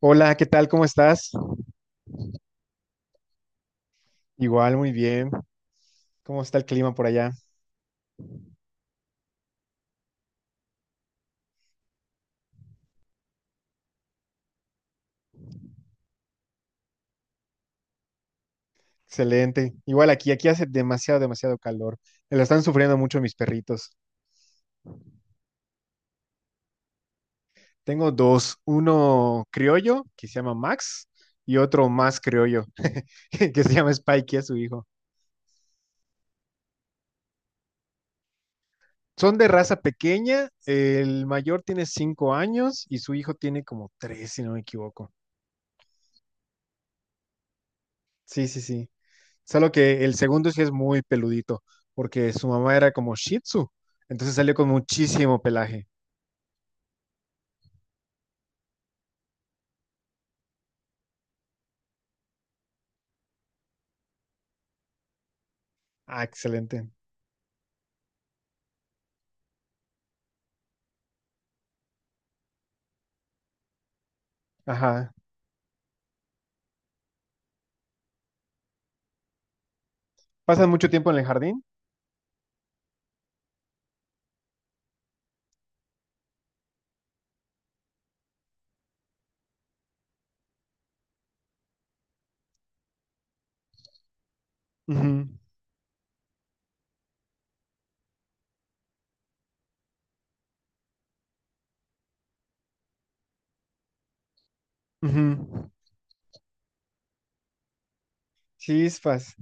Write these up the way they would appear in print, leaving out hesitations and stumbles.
Hola, ¿qué tal? ¿Cómo estás? Igual, muy bien. ¿Cómo está el clima por allá? Excelente. Igual aquí hace demasiado, demasiado calor. Me lo están sufriendo mucho mis perritos. Tengo dos, uno criollo, que se llama Max, y otro más criollo, que se llama Spikey, es su hijo. Son de raza pequeña, el mayor tiene 5 años y su hijo tiene como tres, si no me equivoco. Sí, sí, sí. Solo que el segundo sí es muy peludito, porque su mamá era como Shih Tzu, entonces salió con muchísimo pelaje. Ah, excelente. Ajá. ¿Pasan mucho tiempo en el jardín? Ujú, ujú. Chispas.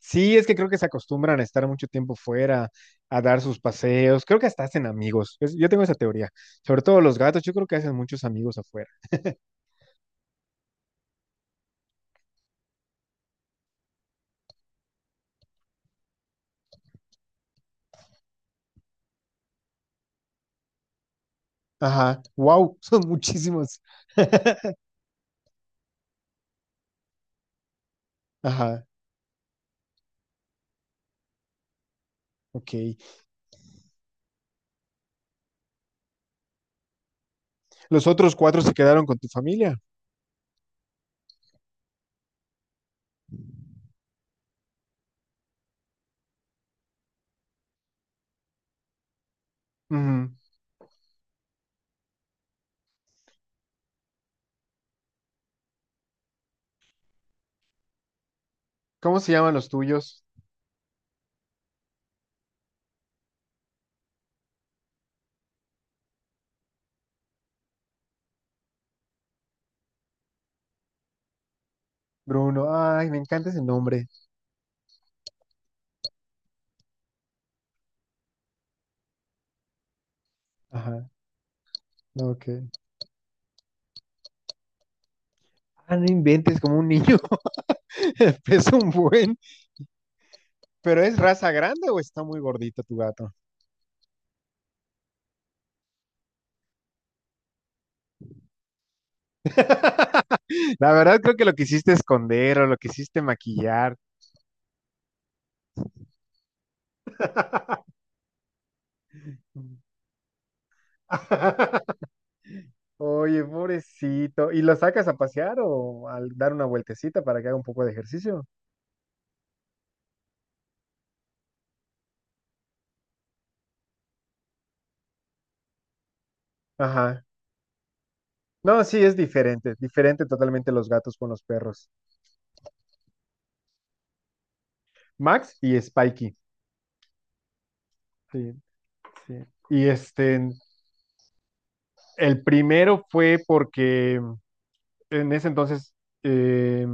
Sí, es que creo que se acostumbran a estar mucho tiempo fuera, a dar sus paseos. Creo que hasta hacen amigos. Yo tengo esa teoría. Sobre todo los gatos, yo creo que hacen muchos amigos afuera. Ajá. Wow, son muchísimos. Ajá, ok. ¿Los otros cuatro se quedaron con tu familia? Ujú. ¿Cómo se llaman los tuyos? Bruno. Ay, me encanta ese nombre. Ajá. No, Ok. Ah, no inventes como un niño. Es un buen. ¿Pero es raza grande o está muy gordito tu gato? La verdad creo que lo quisiste esconder o lo quisiste maquillar. Oye, pobrecito. ¿Y lo sacas a pasear o al dar una vueltecita para que haga un poco de ejercicio? Ajá. No, sí, es diferente. Diferente totalmente los gatos con los perros. Max y Spikey. Sí. Sí. Y este, el primero fue porque en ese entonces eh,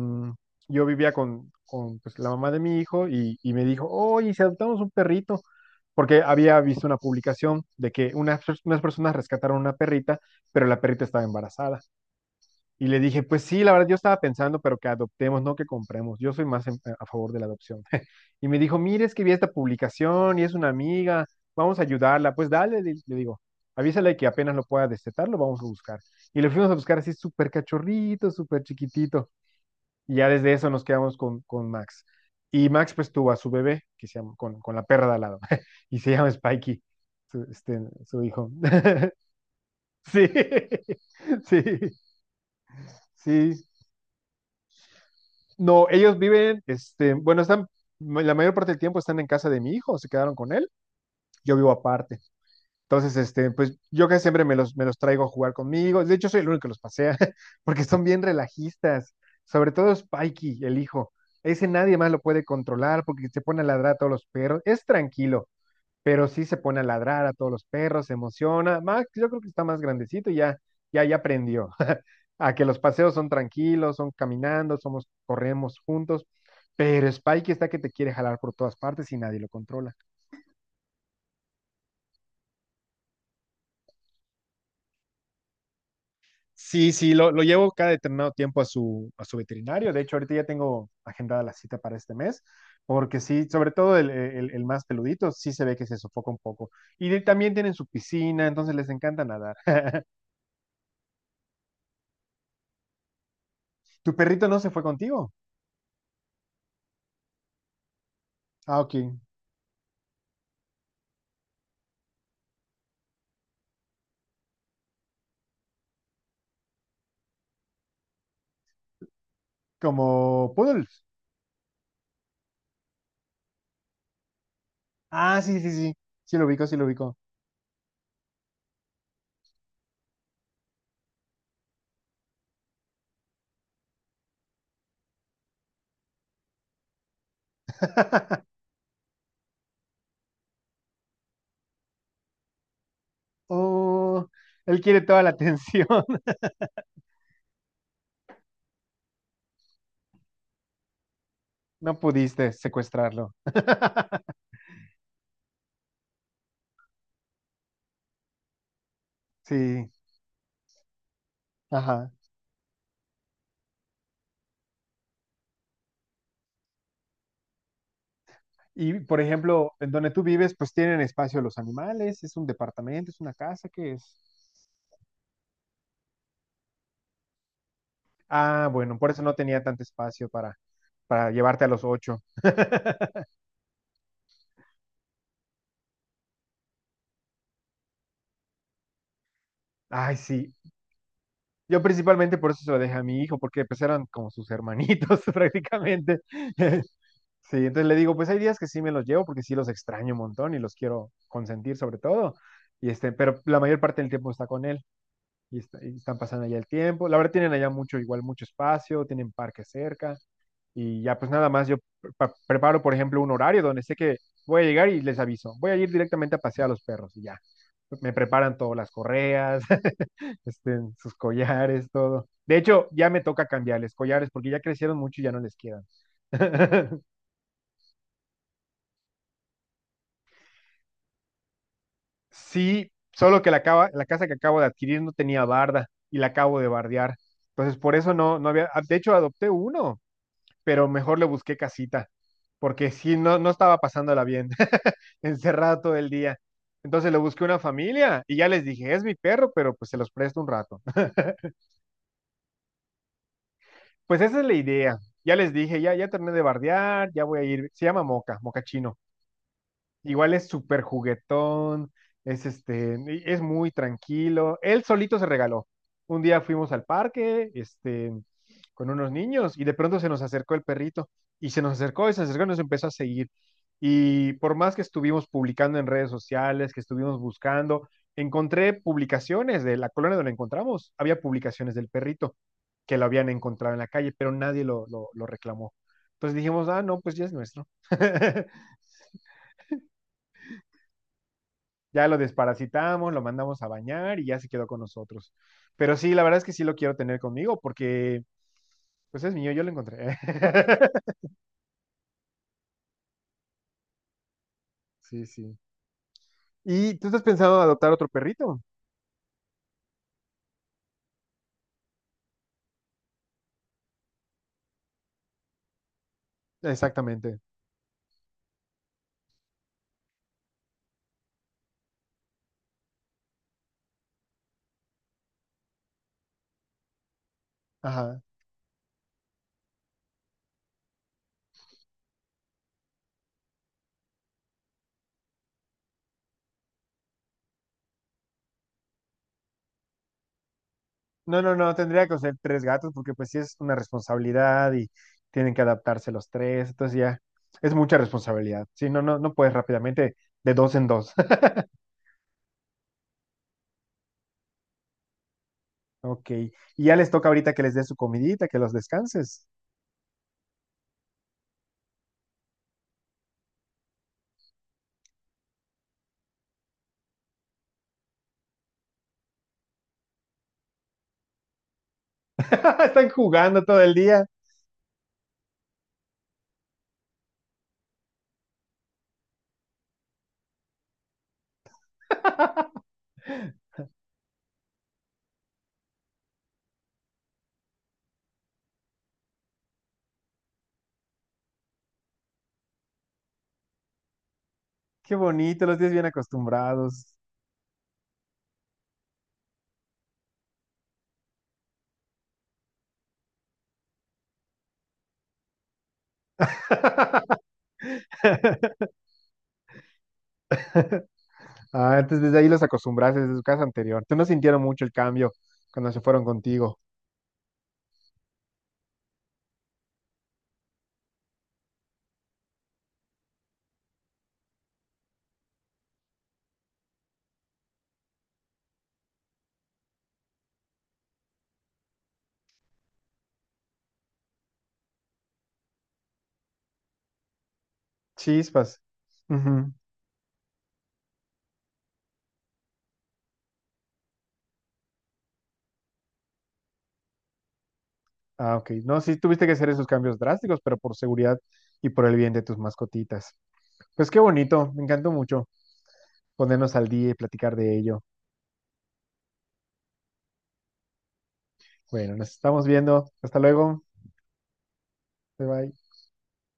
yo vivía con pues, la mamá de mi hijo y me dijo, oye, si adoptamos un perrito, porque había visto una publicación de que unas personas rescataron una perrita, pero la perrita estaba embarazada. Y le dije, pues sí, la verdad yo estaba pensando, pero que adoptemos, no que compremos. Yo soy más a favor de la adopción. Y me dijo, mire, es que vi esta publicación y es una amiga, vamos a ayudarla. Pues dale, le digo, avísale que apenas lo pueda destetar, lo vamos a buscar. Y lo fuimos a buscar así súper cachorrito, súper chiquitito. Y ya desde eso nos quedamos con Max. Y Max pues tuvo a su bebé, que se llama, con la perra de al lado, y se llama Spikey, su, este, su hijo. Sí, sí, sí. No, ellos viven, este, bueno, están, la mayor parte del tiempo están en casa de mi hijo, se quedaron con él, yo vivo aparte. Entonces, este, pues yo que siempre me los traigo a jugar conmigo. De hecho, soy el único que los pasea, porque son bien relajistas. Sobre todo Spikey, el hijo. Ese nadie más lo puede controlar porque se pone a ladrar a todos los perros. Es tranquilo pero sí se pone a ladrar a todos los perros, se emociona. Max, yo creo que está más grandecito y ya, ya aprendió a que los paseos son tranquilos, son caminando, somos, corremos juntos, pero Spike está que te quiere jalar por todas partes y nadie lo controla. Sí, sí, lo llevo cada determinado tiempo a su veterinario. De hecho, ahorita ya tengo agendada la cita para este mes, porque sí, sobre todo el más peludito, sí se ve que se sofoca un poco. Y también tienen su piscina, entonces les encanta nadar. ¿Tu perrito no se fue contigo? Ah, ok. Como Poodles. Ah, sí, sí, sí. Sí lo ubico, sí lo ubico. Oh, él quiere toda la atención. No pudiste secuestrarlo. Sí, ajá. Y por ejemplo, en donde tú vives, pues tienen espacio los animales, es un departamento, es una casa, ¿qué es? Ah, bueno, por eso no tenía tanto espacio para llevarte a los ocho. Ay, sí. Yo principalmente por eso se lo dejé a mi hijo, porque pues eran como sus hermanitos prácticamente. Sí, entonces le digo, pues hay días que sí me los llevo porque sí los extraño un montón y los quiero consentir sobre todo. Y este, pero la mayor parte del tiempo está con él y, y están pasando allá el tiempo. La verdad tienen allá mucho, igual mucho espacio, tienen parque cerca y ya pues nada más yo preparo, por ejemplo, un horario donde sé que voy a llegar y les aviso. Voy a ir directamente a pasear a los perros y ya. Me preparan todas las correas, este, sus collares, todo. De hecho, ya me toca cambiarles collares porque ya crecieron mucho y ya no les quedan. Sí, solo que la casa que acabo de adquirir no tenía barda y la acabo de bardear. Entonces, por eso no, no había, ah, de hecho, adopté uno, pero mejor le busqué casita, porque sí, no, no estaba pasándola bien, encerrado todo el día. Entonces le busqué una familia y ya les dije, es mi perro, pero pues se los presto un rato. Pues esa es la idea. Ya les dije, ya terminé de bardear, ya voy a ir. Se llama Moca, Moca Chino. Igual es súper juguetón, es este, y es muy tranquilo. Él solito se regaló. Un día fuimos al parque, este, con unos niños, y de pronto se nos acercó el perrito, y se nos acercó, y se acercó, y nos empezó a seguir. Y por más que estuvimos publicando en redes sociales, que estuvimos buscando, encontré publicaciones de la colonia donde lo encontramos. Había publicaciones del perrito que lo habían encontrado en la calle, pero nadie lo reclamó. Entonces dijimos, ah, no, pues ya es nuestro. Ya lo desparasitamos, lo mandamos a bañar y ya se quedó con nosotros. Pero sí, la verdad es que sí lo quiero tener conmigo porque, pues es mío, yo lo encontré. Sí, sí. ¿Y tú estás pensando adoptar otro perrito? Exactamente. Ajá. No, no, no, tendría que ser tres gatos porque pues sí es una responsabilidad y tienen que adaptarse los tres, entonces ya es mucha responsabilidad. Sí, no, no, no puedes rápidamente de dos en dos. Ok. Y ya les toca ahorita que les des su comidita, que los descanses. Están jugando todo el día. Qué bonito, los tienes bien acostumbrados. Ah, entonces desde ahí los acostumbraste desde su casa anterior. ¿Tú no sintieron mucho el cambio cuando se fueron contigo? Chispas. Ujú. Ah, ok. No, sí tuviste que hacer esos cambios drásticos, pero por seguridad y por el bien de tus mascotitas. Pues qué bonito, me encantó mucho ponernos al día y platicar de ello. Bueno, nos estamos viendo. Hasta luego. Bye bye.